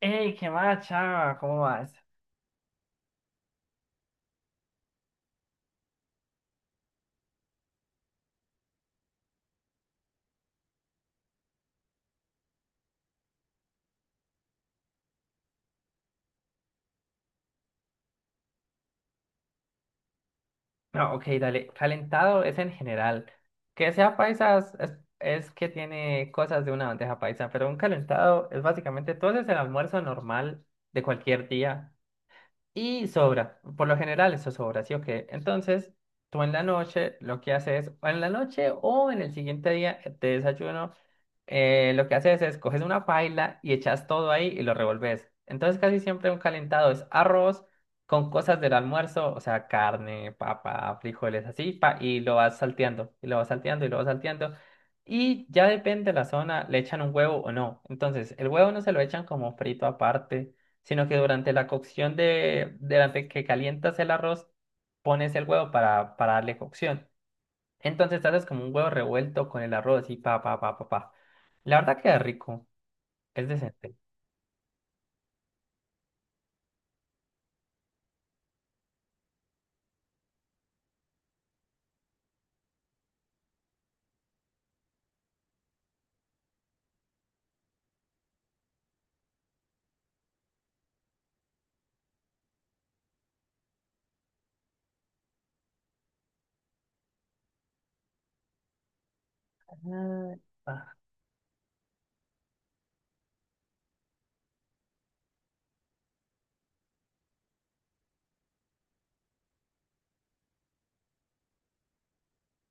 ¡Ey, qué más, chava! ¿Cómo vas? No, ok, dale. Calentado es en general. Que sea paisas es que tiene cosas de una bandeja paisa, pero un calentado es básicamente todo es el almuerzo normal de cualquier día. Y sobra, por lo general eso sobra, ¿sí o qué? Entonces, tú en la noche lo que haces, o en la noche o en el siguiente día de desayuno, lo que haces es coges una paila y echas todo ahí y lo revolves. Entonces, casi siempre un calentado es arroz con cosas del almuerzo, o sea, carne, papa, frijoles, así, pa, y lo vas salteando, y lo vas salteando, y lo vas salteando. Y ya depende de la zona, le echan un huevo o no. Entonces, el huevo no se lo echan como frito aparte sino que durante la cocción de, durante que calientas el arroz, pones el huevo para darle cocción. Entonces haces como un huevo revuelto con el arroz y pa, pa, pa, pa, pa. La verdad queda rico, es decente. Ah, pa-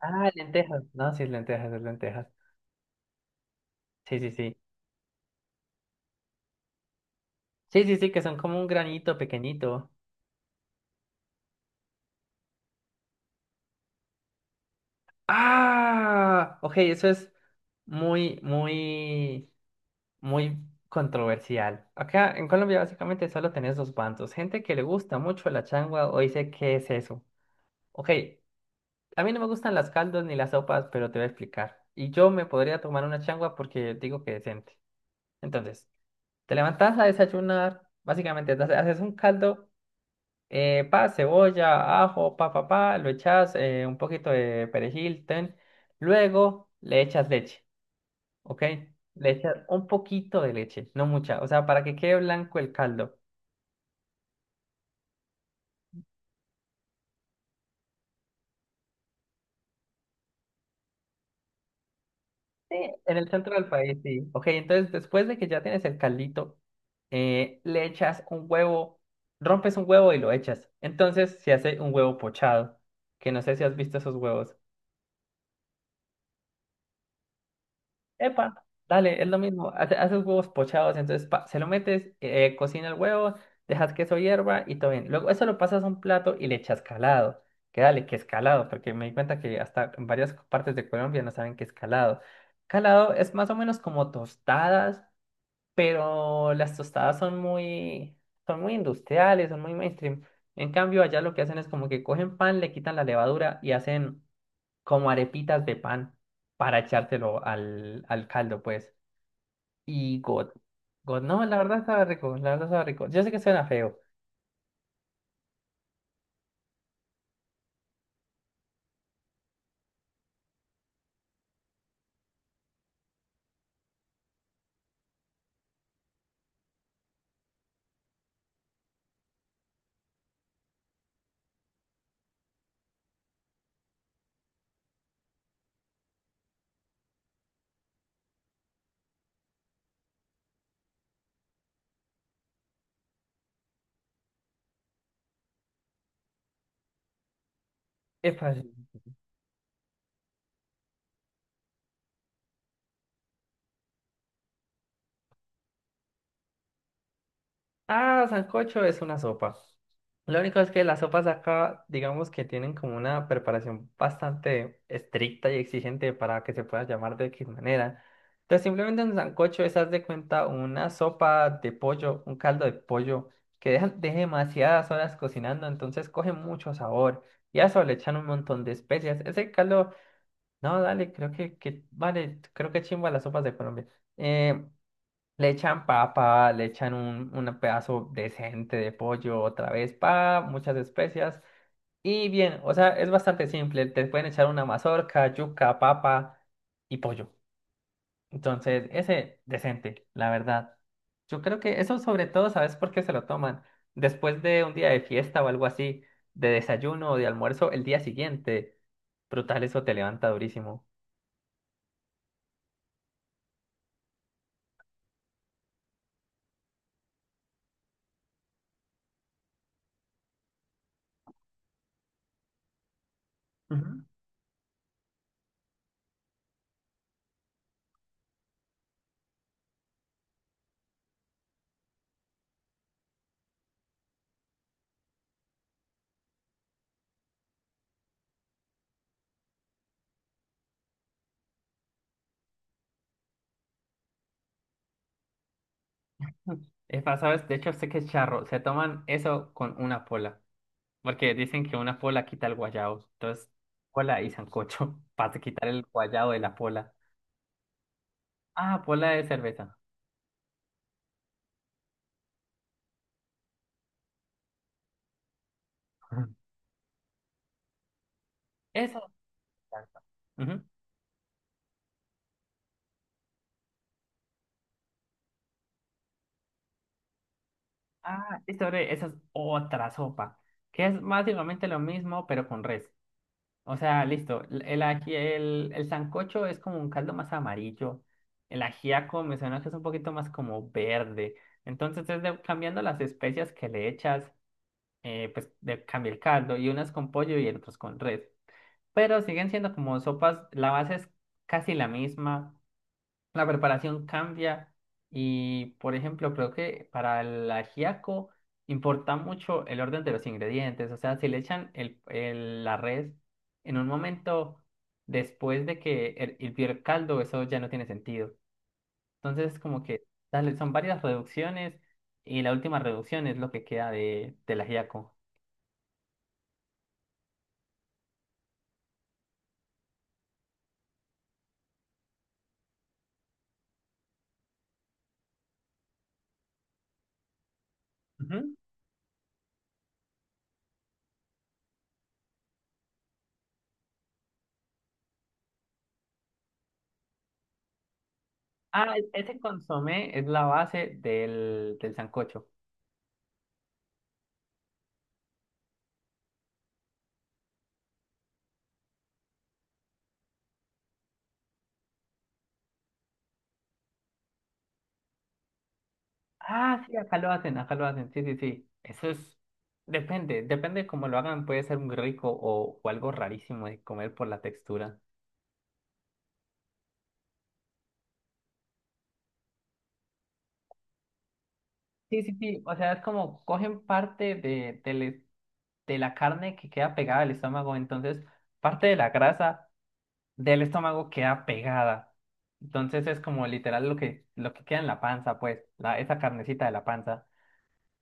lentejas. No, sí, es lentejas, es lentejas. Sí, sí, sí. Sí, sí, sí, que son como un granito pequeñito. Ah, ok, eso es muy, muy... muy controversial. Acá en Colombia básicamente solo tenés dos bandos, gente que le gusta mucho la changua o dice, ¿qué es eso? Ok, a mí no me gustan las caldos ni las sopas, pero te voy a explicar. Y yo me podría tomar una changua porque digo que decente. Entonces, te levantás a desayunar, básicamente haces un caldo, pa, cebolla, ajo, pa, pa, pa, lo echas, un poquito de perejil, ten. Luego le echas leche. ¿Ok? Le echas un poquito de leche, no mucha, o sea, para que quede blanco el caldo. Sí, en el centro del país, sí. Ok, entonces después de que ya tienes el caldito, le echas un huevo, rompes un huevo y lo echas. Entonces se hace un huevo pochado, que no sé si has visto esos huevos. Epa, dale, es lo mismo. Haces huevos pochados, entonces pa, se lo metes, cocina el huevo, dejas queso hierba y todo bien. Luego eso lo pasas a un plato y le echas calado. Que dale, que es calado, porque me di cuenta que hasta en varias partes de Colombia no saben qué es calado. Calado es más o menos como tostadas, pero las tostadas son muy industriales, son muy mainstream. En cambio, allá lo que hacen es como que cogen pan, le quitan la levadura y hacen como arepitas de pan para echártelo al, al caldo, pues. Y God. God, no, la verdad estaba rico, la verdad estaba rico. Yo sé que suena feo. Epa. Ah, sancocho es una sopa. Lo único es que las sopas de acá, digamos que tienen como una preparación bastante estricta y exigente para que se pueda llamar de X manera. Entonces, simplemente un sancocho es, haz de cuenta, una sopa de pollo, un caldo de pollo que deja, deja demasiadas horas cocinando, entonces coge mucho sabor. Y a eso le echan un montón de especias. Ese caldo, no, dale, creo que vale, creo que chimba las sopas de Colombia. Eh, le echan papa, un pedazo decente de pollo, otra vez pa, muchas especias. Y bien, o sea, es bastante simple. Te pueden echar una mazorca, yuca, papa y pollo. Entonces, ese decente, la verdad. Yo creo que eso sobre todo, ¿sabes por qué se lo toman? Después de un día de fiesta o algo así, de desayuno o de almuerzo, el día siguiente. Brutal, eso te levanta durísimo. Ujú. Es más, ¿sabes? De hecho, sé que es charro. Se toman eso con una pola. Porque dicen que una pola quita el guayabo. Entonces, pola y sancocho para quitar el guayabo de la pola. Ah, pola de cerveza. Ujú. Eso. Exacto. Ujú. Ah, listo, bre, esa es otra sopa. Que es básicamente lo mismo, pero con res. O sea, listo. El sancocho es como un caldo más amarillo. El ajiaco me suena que es un poquito más como verde. Entonces, cambiando las especias que le echas, pues de, cambia el caldo. Y unas con pollo y otras con res. Pero siguen siendo como sopas, la base es casi la misma, la preparación cambia y, por ejemplo, creo que para el ajiaco importa mucho el orden de los ingredientes, o sea, si le echan la res en un momento después de que hirvió el caldo, eso ya no tiene sentido. Entonces, como que dale, son varias reducciones y la última reducción es lo que queda de, del ajiaco. Ujú. Ese consomé es la base del, del sancocho. Ah, sí, acá lo hacen, sí, sí, sí. Eso es, depende, depende cómo lo hagan, puede ser muy rico o algo rarísimo de comer por la textura. Sí, sí, sí, o sea, es como cogen parte de, de la carne que queda pegada al estómago, entonces parte de la grasa del estómago queda pegada. Entonces es como literal lo que queda en la panza, pues, la, esa carnecita de la panza.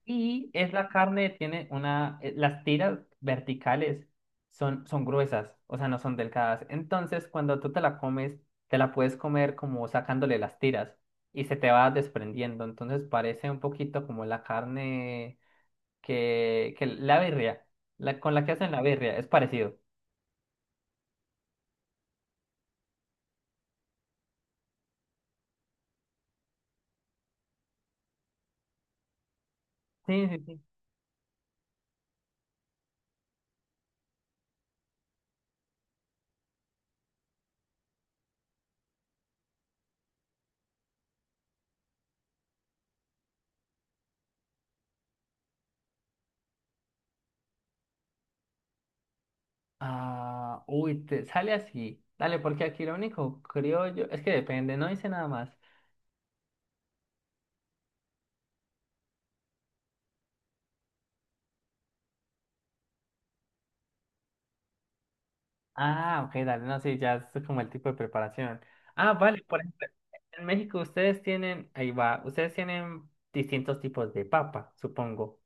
Y es la carne, tiene una, las tiras verticales son, son gruesas, o sea, no son delgadas. Entonces, cuando tú te la comes, te la puedes comer como sacándole las tiras y se te va desprendiendo. Entonces, parece un poquito como la carne que la birria, la, con la que hacen la birria, es parecido. Sí, sí, sí. Ah, uy, te sale así. Dale, porque aquí lo único criollo es que depende, no dice nada más. Ah, ok, dale, no, sí, ya es como el tipo de preparación. Ah, vale, por ejemplo, en México ustedes tienen, ahí va, ustedes tienen distintos tipos de papa, supongo.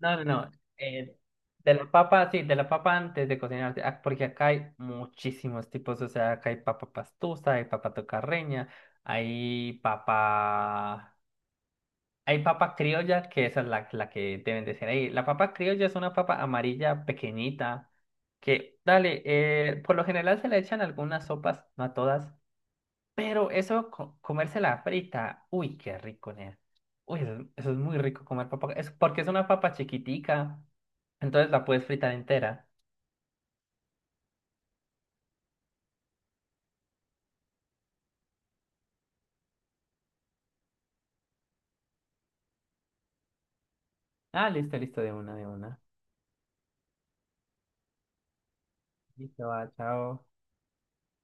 No, no, no, eh, de la papa, sí, de la papa antes de cocinarse, ah, porque acá hay muchísimos tipos, o sea, acá hay papa pastusa, hay papa tocarreña, hay papa... Hay papa criolla, que esa es la, la que deben de ser ahí. La papa criolla es una papa amarilla pequeñita que, dale, por lo general se le echan algunas sopas, no a todas, pero eso, comérsela frita, uy, qué rico, nea. Uy, eso es muy rico comer papa, es porque es una papa chiquitica, entonces la puedes fritar entera. Ah, listo, listo, de una, de una. Listo, va, chao.